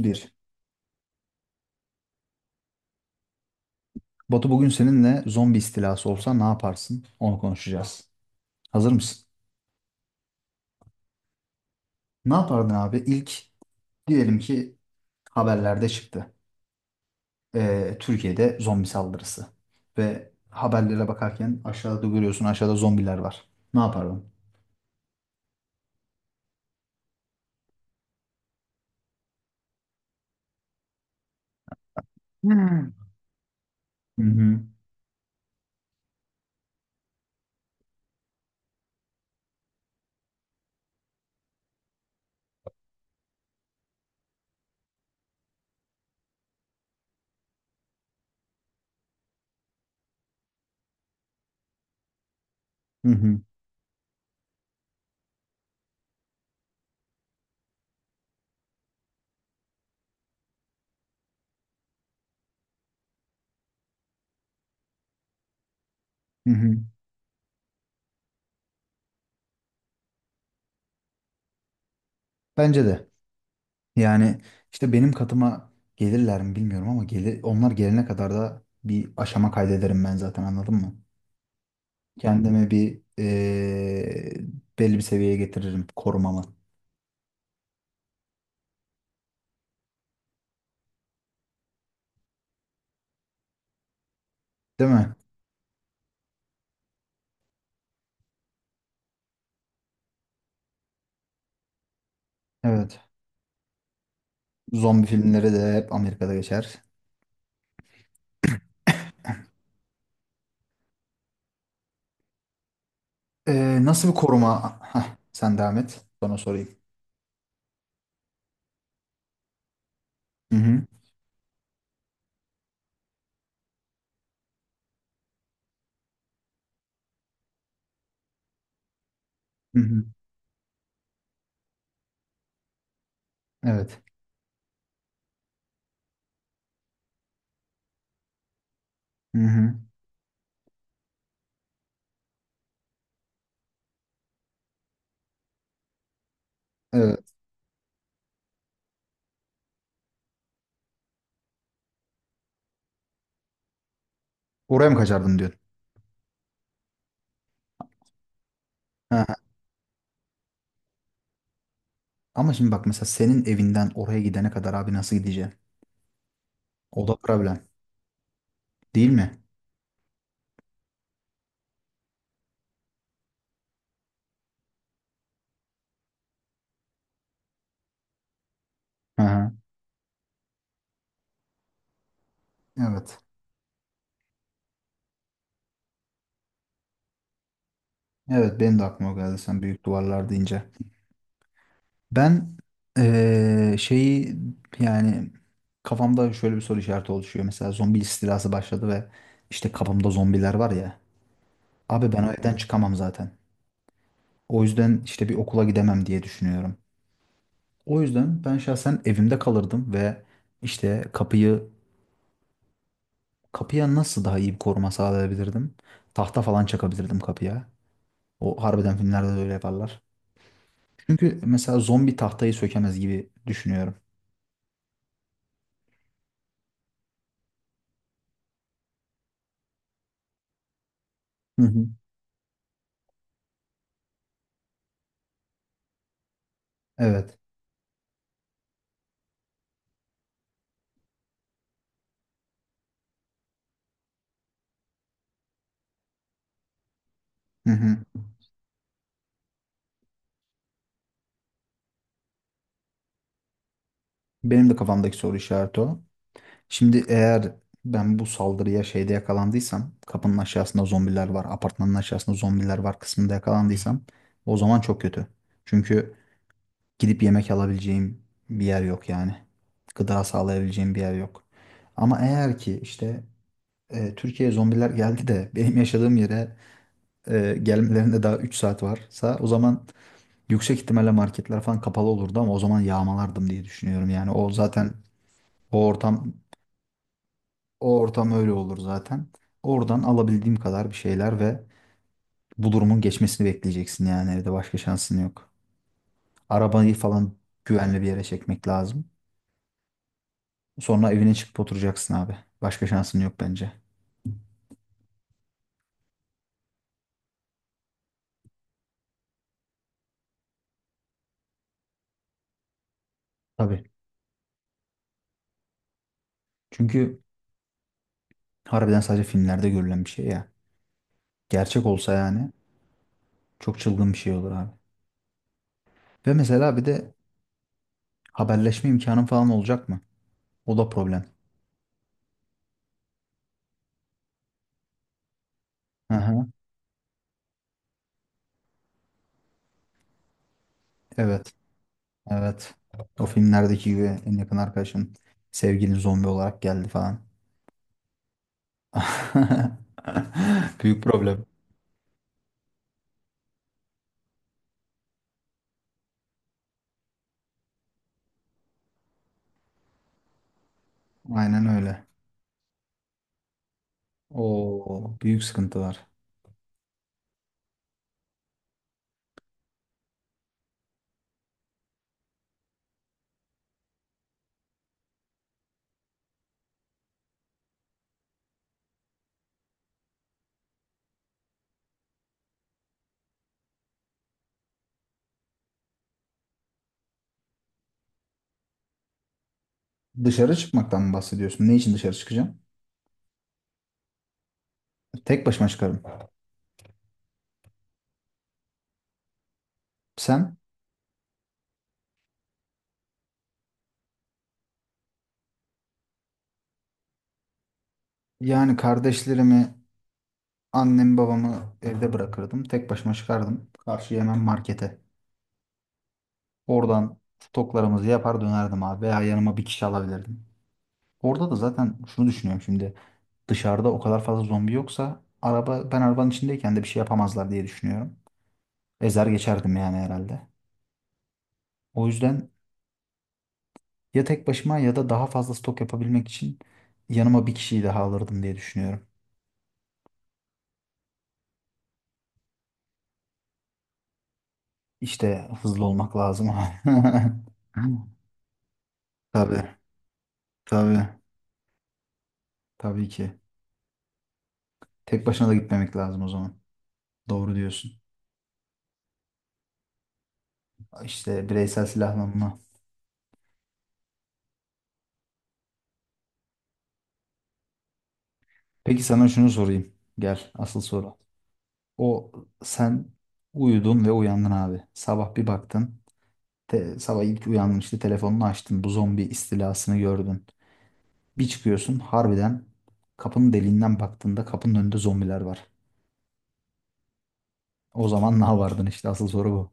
Bir. Batu bugün seninle zombi istilası olsa ne yaparsın? Onu konuşacağız. Hazır mısın? Ne yapardın abi? İlk diyelim ki haberlerde çıktı. Türkiye'de zombi saldırısı. Ve haberlere bakarken aşağıda görüyorsun aşağıda zombiler var. Ne yapardın? Hmm. Hı hı. Hı hı. Hı hı. Bence de. Yani işte benim katıma gelirler mi bilmiyorum ama gelir, onlar gelene kadar da bir aşama kaydederim ben zaten anladın mı? Kendimi bir belli bir seviyeye getiririm korumamı. Değil mi? Evet. Zombi filmleri de hep Amerika'da geçer. Nasıl bir koruma? Hah, sen devam et. Sonra sorayım. Hı hı. Hı hı. Evet. Hı hı. Evet. Oraya mı kaçardın diyorsun? Hı hı. Ama şimdi bak mesela senin evinden oraya gidene kadar abi nasıl gideceğim? O da problem. Değil mi? Hı hı. Evet. Evet benim de aklıma o geldi sen büyük duvarlar deyince. Ben şeyi yani kafamda şöyle bir soru işareti oluşuyor. Mesela zombi istilası başladı ve işte kafamda zombiler var ya. Abi ben o evden çıkamam zaten. O yüzden işte bir okula gidemem diye düşünüyorum. O yüzden ben şahsen evimde kalırdım ve işte kapıyı kapıya nasıl daha iyi bir koruma sağlayabilirdim? Tahta falan çakabilirdim kapıya. O harbiden filmlerde de öyle yaparlar. Çünkü mesela zombi tahtayı sökemez gibi düşünüyorum. Hı hı. Evet. Hı hı. Benim de kafamdaki soru işareti o. Şimdi eğer ben bu saldırıya şeyde yakalandıysam, kapının aşağısında zombiler var, apartmanın aşağısında zombiler var kısmında yakalandıysam o zaman çok kötü. Çünkü gidip yemek alabileceğim bir yer yok yani. Gıda sağlayabileceğim bir yer yok. Ama eğer ki işte Türkiye'ye zombiler geldi de benim yaşadığım yere gelmelerinde daha 3 saat varsa o zaman yüksek ihtimalle marketler falan kapalı olurdu ama o zaman yağmalardım diye düşünüyorum. Yani o zaten o ortam O ortam öyle olur zaten. Oradan alabildiğim kadar bir şeyler ve bu durumun geçmesini bekleyeceksin yani evde başka şansın yok. Arabayı falan güvenli bir yere çekmek lazım. Sonra evine çıkıp oturacaksın abi. Başka şansın yok bence. Tabii. Çünkü harbiden sadece filmlerde görülen bir şey ya. Gerçek olsa yani çok çılgın bir şey olur abi. Ve mesela bir de haberleşme imkanın falan olacak mı? O da problem. Hı hı. Evet. Evet. O filmlerdeki gibi en yakın arkadaşın sevgilin zombi olarak geldi falan. Büyük problem. Aynen öyle. Oo, büyük sıkıntılar. Dışarı çıkmaktan mı bahsediyorsun? Ne için dışarı çıkacağım? Tek başıma çıkarım. Sen? Yani kardeşlerimi, annemi, babamı evde bırakırdım. Tek başıma çıkardım. Karşıya hemen markete. Oradan stoklarımızı yapar dönerdim abi. Veya yanıma bir kişi alabilirdim. Orada da zaten şunu düşünüyorum şimdi. Dışarıda o kadar fazla zombi yoksa araba ben arabanın içindeyken de bir şey yapamazlar diye düşünüyorum. Ezer geçerdim yani herhalde. O yüzden ya tek başıma ya da daha fazla stok yapabilmek için yanıma bir kişiyi daha alırdım diye düşünüyorum. İşte hızlı olmak lazım. Tabii, tabii, tabii ki. Tek başına da gitmemek lazım o zaman. Doğru diyorsun. İşte bireysel silahlanma. Peki sana şunu sorayım. Gel, asıl soru. O sen uyudun ve uyandın abi. Sabah bir baktın. Sabah ilk uyandın işte telefonunu açtın. Bu zombi istilasını gördün. Bir çıkıyorsun harbiden kapının deliğinden baktığında kapının önünde zombiler var. O zaman ne yapardın işte asıl soru bu.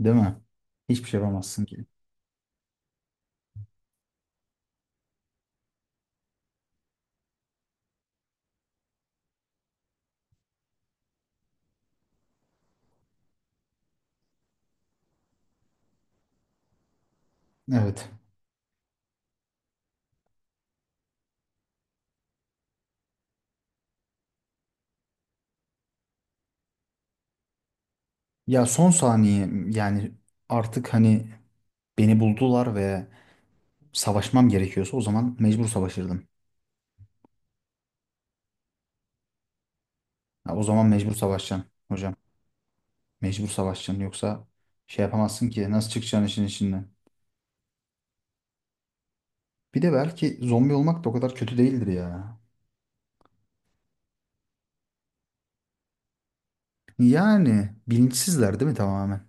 Değil mi? Hiçbir şey yapamazsın ki. Evet. Ya son saniye yani artık hani beni buldular ve savaşmam gerekiyorsa o zaman mecbur savaşırdım. Ya o zaman mecbur savaşacaksın hocam. Mecbur savaşacaksın yoksa şey yapamazsın ki nasıl çıkacaksın işin içinden. Bir de belki zombi olmak da o kadar kötü değildir ya. Yani bilinçsizler değil mi tamamen?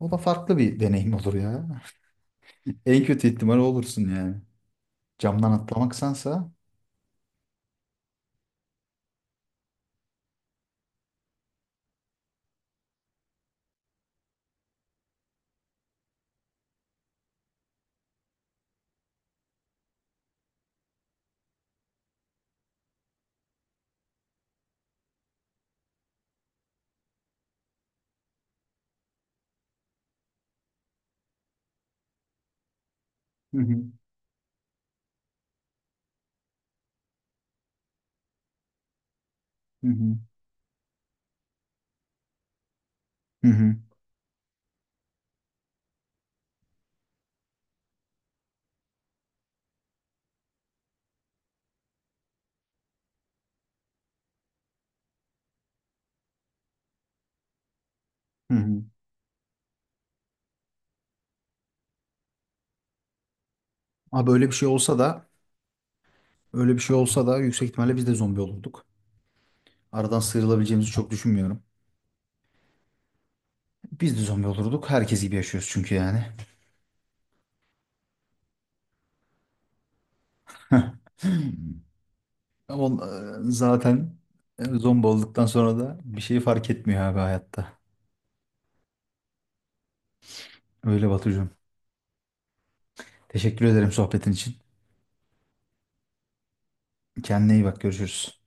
O da farklı bir deneyim olur ya. En kötü ihtimal olursun yani. Camdan atlamaksansa. Hı hı. Hı hı. Hı hı. Hı hı. Ha böyle bir şey olsa da öyle bir şey olsa da yüksek ihtimalle biz de zombi olurduk. Aradan sıyrılabileceğimizi çok düşünmüyorum. Biz de zombi olurduk. Herkes gibi yaşıyoruz çünkü yani. Ama zaten zombi olduktan sonra da bir şey fark etmiyor abi hayatta. Öyle Batucuğum. Teşekkür ederim sohbetin için. Kendine iyi bak görüşürüz.